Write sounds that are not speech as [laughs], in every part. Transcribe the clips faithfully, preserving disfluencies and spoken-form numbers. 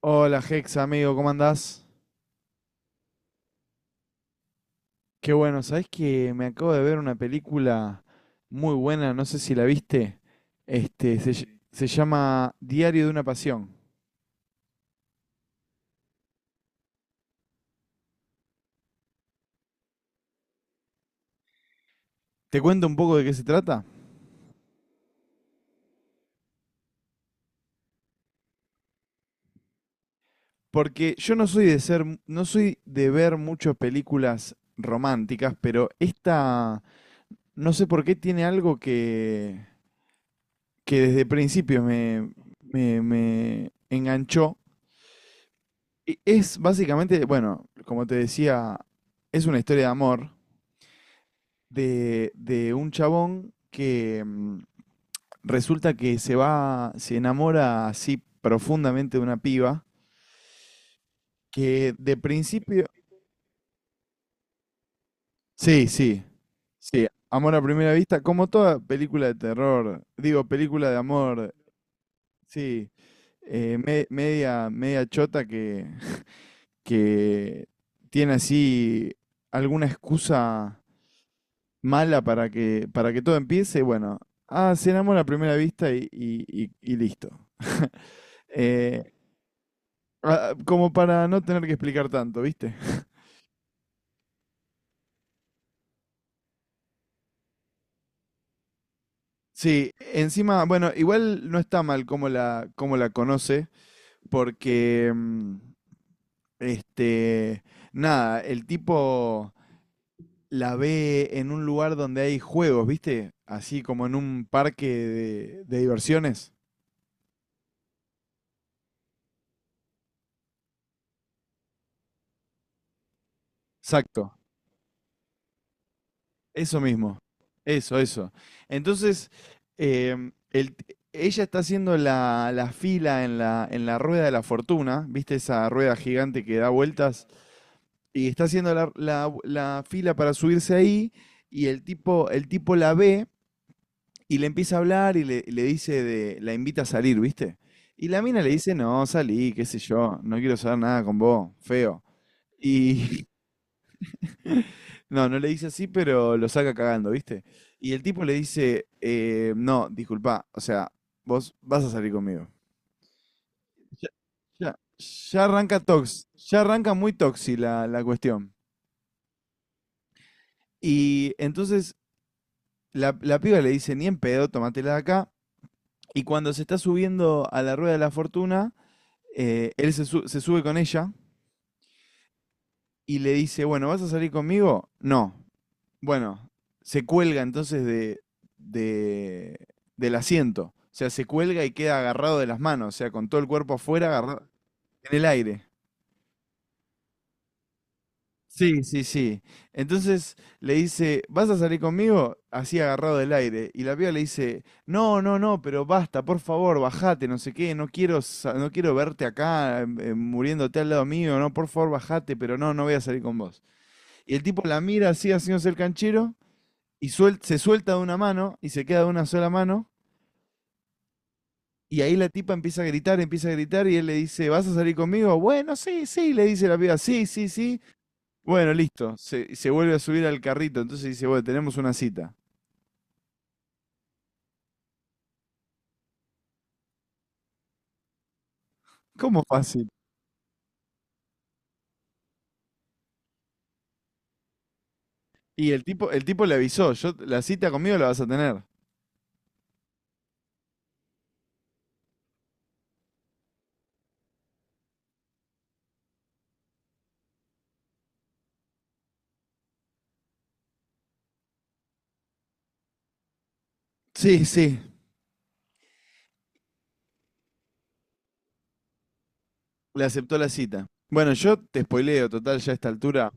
Hola Hex, amigo, ¿cómo andás? Qué bueno, ¿sabés que me acabo de ver una película muy buena? No sé si la viste. Este, se, ll- se llama Diario de una Pasión. ¿Te cuento un poco de qué se trata? Porque yo no soy de ser, mu- no soy de ver muchas películas románticas, pero esta, no sé por qué tiene algo que, que desde principio me, me, me enganchó. Y es básicamente, bueno, como te decía, es una historia de amor de, de un chabón que mm, resulta que se va, se enamora así profundamente de una piba que de principio, sí, sí, sí, amor a primera vista, como toda película de terror, digo, película de amor, sí, eh, me- media, media chota que, que tiene así alguna excusa mala para que, para que todo empiece, bueno, ah, cenamos a primera vista y, y- y- y listo. [laughs] Eh, ah, como para no tener que explicar tanto, ¿viste? Sí, encima, bueno, igual no está mal cómo la, cómo la conoce, porque, mm, este, nada, el tipo la ve en un lugar donde hay juegos, ¿viste? Así como en un parque de, de diversiones. Exacto. Eso mismo, eso, eso. Entonces, em, el t- ella está haciendo la, la fila en la, en la rueda de la fortuna, ¿viste esa rueda gigante que da vueltas? Y está haciendo la, la- la fila para subirse ahí y el tipo, el tipo la ve y le empieza a hablar y le, le dice de, la invita a salir, ¿viste? Y la mina le dice, no, salí, qué sé yo, no quiero saber nada con vos, feo. Y, No, no le dice así, pero lo saca cagando, ¿viste? Y el tipo le dice, eh, no, disculpa, o sea, vos vas a salir conmigo. Ya, ya, ya arranca tox, ya arranca muy toxi la, la cuestión. Y entonces la, la piba le dice, ni en pedo, tómatela de acá. Y cuando se está subiendo a la rueda de la fortuna, eh, él se, su- se sube con ella y le dice, bueno, ¿vas a salir conmigo? No. Bueno, se cuelga entonces de, de- del asiento. O sea, se cuelga y queda agarrado de las manos, o sea, con todo el cuerpo afuera, agarrado en el aire. Sí, sí, sí. Entonces le dice, ¿vas a salir conmigo? Así agarrado del aire. Y la piba le dice, no, no, no, pero basta, por favor, bajate, no sé qué, no quiero, sa- no quiero verte acá, eh, muriéndote al lado mío, no, por favor, bajate, pero no, no voy a salir con vos. Y el tipo la mira así, haciéndose el canchero, y suel- se suelta de una mano y se queda de una sola mano. Y ahí la tipa empieza a gritar, empieza a gritar y él le dice, ¿vas a salir conmigo? Bueno, sí, sí, le dice la piba, sí, sí, sí. Bueno, listo. Se, se vuelve a subir al carrito, entonces dice, bueno, tenemos una cita. ¿Cómo fácil? Y el tipo, el tipo le avisó, yo, la cita conmigo la vas a tener. Sí, sí, le aceptó la cita. Bueno, yo te spoileo, total, ya a esta altura.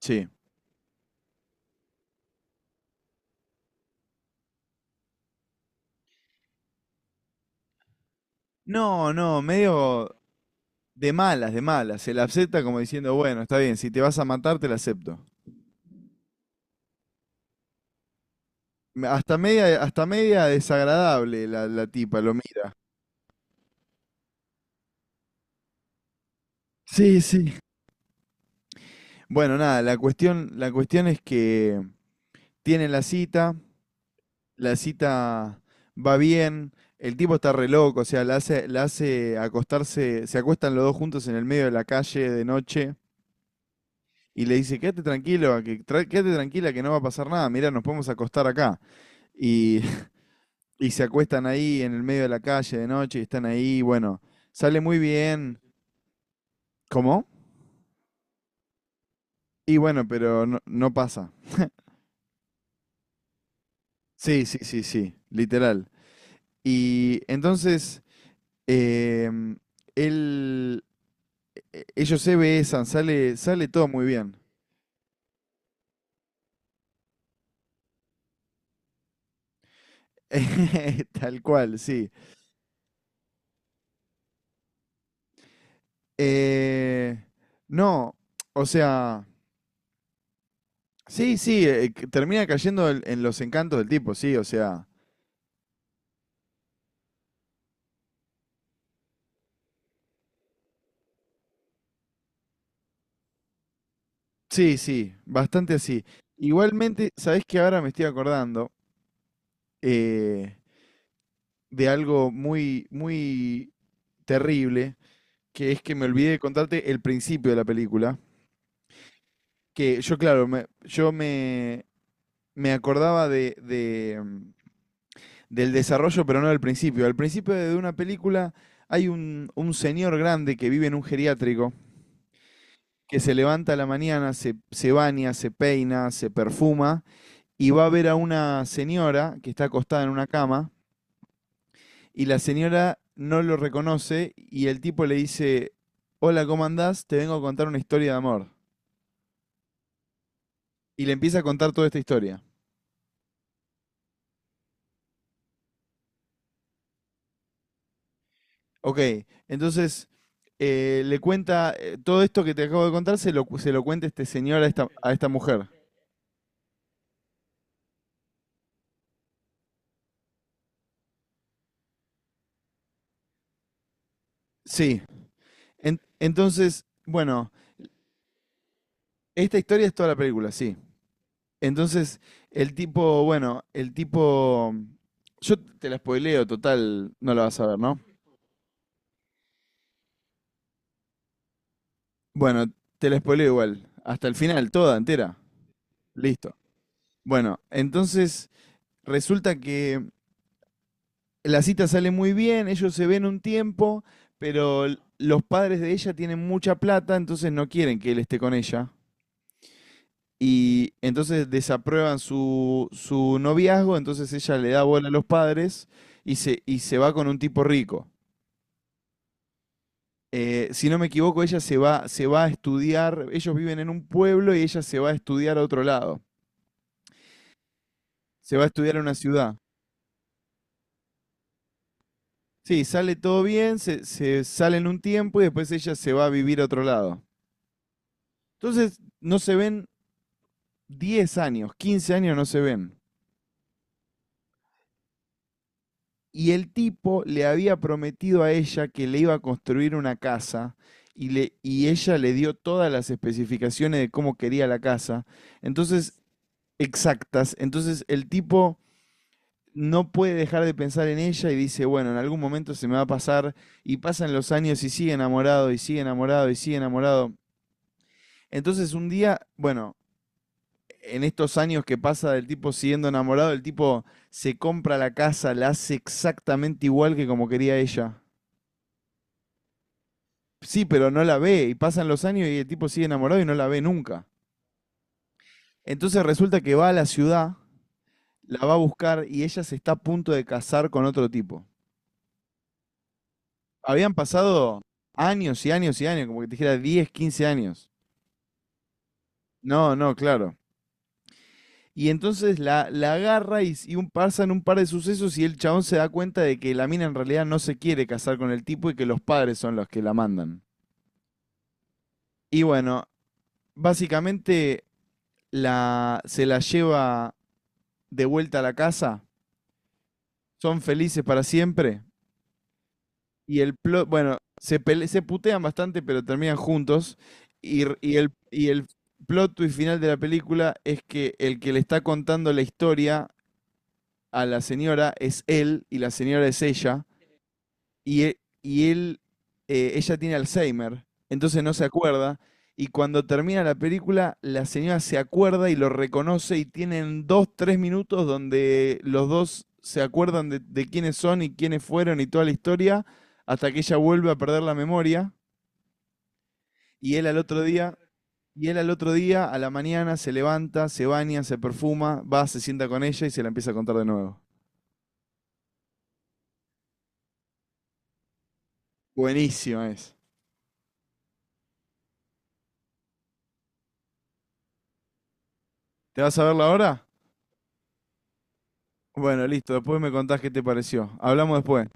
Sí. No, no, medio de malas, de malas. Se la acepta como diciendo, bueno, está bien, si te vas a matar, te la acepto. Me- Hasta media, hasta media, desagradable la, la tipa, lo mira. Sí, sí. Bueno, nada, la cuestión, la cuestión, es que tienen la cita, la cita va bien, el tipo está re loco, o sea, la hace, la hace acostarse, se acuestan los dos juntos en el medio de la calle de noche y le dice, quédate tranquilo, a que, tra- quédate tranquila que no va a pasar nada, mira, nos podemos acostar acá. Y, [laughs] y se acuestan ahí en el medio de la calle de noche y están ahí, bueno, sale muy bien. ¿Cómo? Y bueno, pero no, no pasa. Sí, sí, sí, sí, literal. Y entonces, em, él, e- ellos se besan, sale, sale todo muy bien. [laughs] Tal cual, sí. Eh, no, o sea, sí, sí, eh, eh, que termina cayendo en, en los encantos del tipo, sí, o sea, sí, sí, bastante así. Igualmente, sabes que ahora me estoy acordando, eh, de algo muy, muy terrible que es que me olvidé de contarte el principio de la película, que yo, claro, me, yo me, me acordaba de, de, mm, del desarrollo, pero no del principio. Al principio de una película hay un, un señor grande que vive en un geriátrico, que se levanta a la mañana, se, se baña, se peina, se perfuma, y va a ver a una señora que está acostada en una cama, y la señora no lo reconoce, y el tipo le dice, hola, ¿cómo andás? Te vengo a contar una historia de amor. Y le empieza a contar toda esta historia. Ok, entonces eh, le cuenta, eh, todo esto que te acabo de contar, se lo, cu- se lo cuenta este señor a esta, a esta mujer. Sí. En- entonces, bueno, esta historia es toda la película, sí. Entonces, el tipo, bueno, el tipo, yo te la spoileo, total, no la vas a ver, ¿no? Bueno, te la spoileo igual, hasta el final, toda entera, listo. Bueno, entonces resulta que la cita sale muy bien, ellos se ven un tiempo, pero l- los padres de ella tienen mucha plata, entonces no quieren que él esté con ella. Y entonces desaprueban su, su, noviazgo, entonces ella le da bola a los padres y se, y se va con un tipo rico. Eh, si no me equivoco, ella se va, se va a estudiar, ellos viven en un pueblo y ella se va a estudiar a otro lado, se va a estudiar a una ciudad. Sí, sale todo bien, se, se salen un tiempo y después ella se va a vivir a otro lado. Entonces no se ven diez años, quince años no se ven. Y el tipo le había prometido a ella que le iba a construir una casa y, le, y ella le dio todas las especificaciones de cómo quería la casa. Entonces, exactas. Entonces, el tipo no puede dejar de pensar en ella y dice, bueno, en algún momento se me va a pasar. Y pasan los años y sigue enamorado y sigue enamorado y sigue enamorado. Entonces, un día, bueno, en estos años que pasa del tipo siguiendo enamorado, el tipo se compra la casa, la hace exactamente igual que como quería ella. Sí, pero no la ve y pasan los años y el tipo sigue enamorado y no la ve nunca. Entonces resulta que va a la ciudad, la va a buscar y ella se está a punto de casar con otro tipo. Habían pasado años y años y años, como que te dijera diez, quince años. No, no, claro. Y entonces la, la, agarra y, s- y un, pasan un par de sucesos y el chabón se da cuenta de que la mina en realidad no se quiere casar con el tipo y que los padres son los que la mandan. Y bueno, básicamente la, se la lleva de vuelta a la casa, son felices para siempre y el plot, bueno, se, pele- se putean bastante pero terminan juntos y, r- y el, y el plot twist final de la película es que el que le está contando la historia a la señora es él y la señora es ella. y, e- y él, eh, ella tiene Alzheimer, entonces no se acuerda. Y cuando termina la película, la señora se acuerda y lo reconoce y tienen dos, tres minutos donde los dos se acuerdan de, de quiénes son y quiénes fueron y toda la historia, hasta que ella vuelve a perder la memoria y él al otro día, y él al otro día, a la mañana, se levanta, se baña, se perfuma, va, se sienta con ella y se la empieza a contar de nuevo. Buenísima es. ¿Te vas a verla ahora? Bueno, listo. Después me contás qué te pareció. Hablamos después.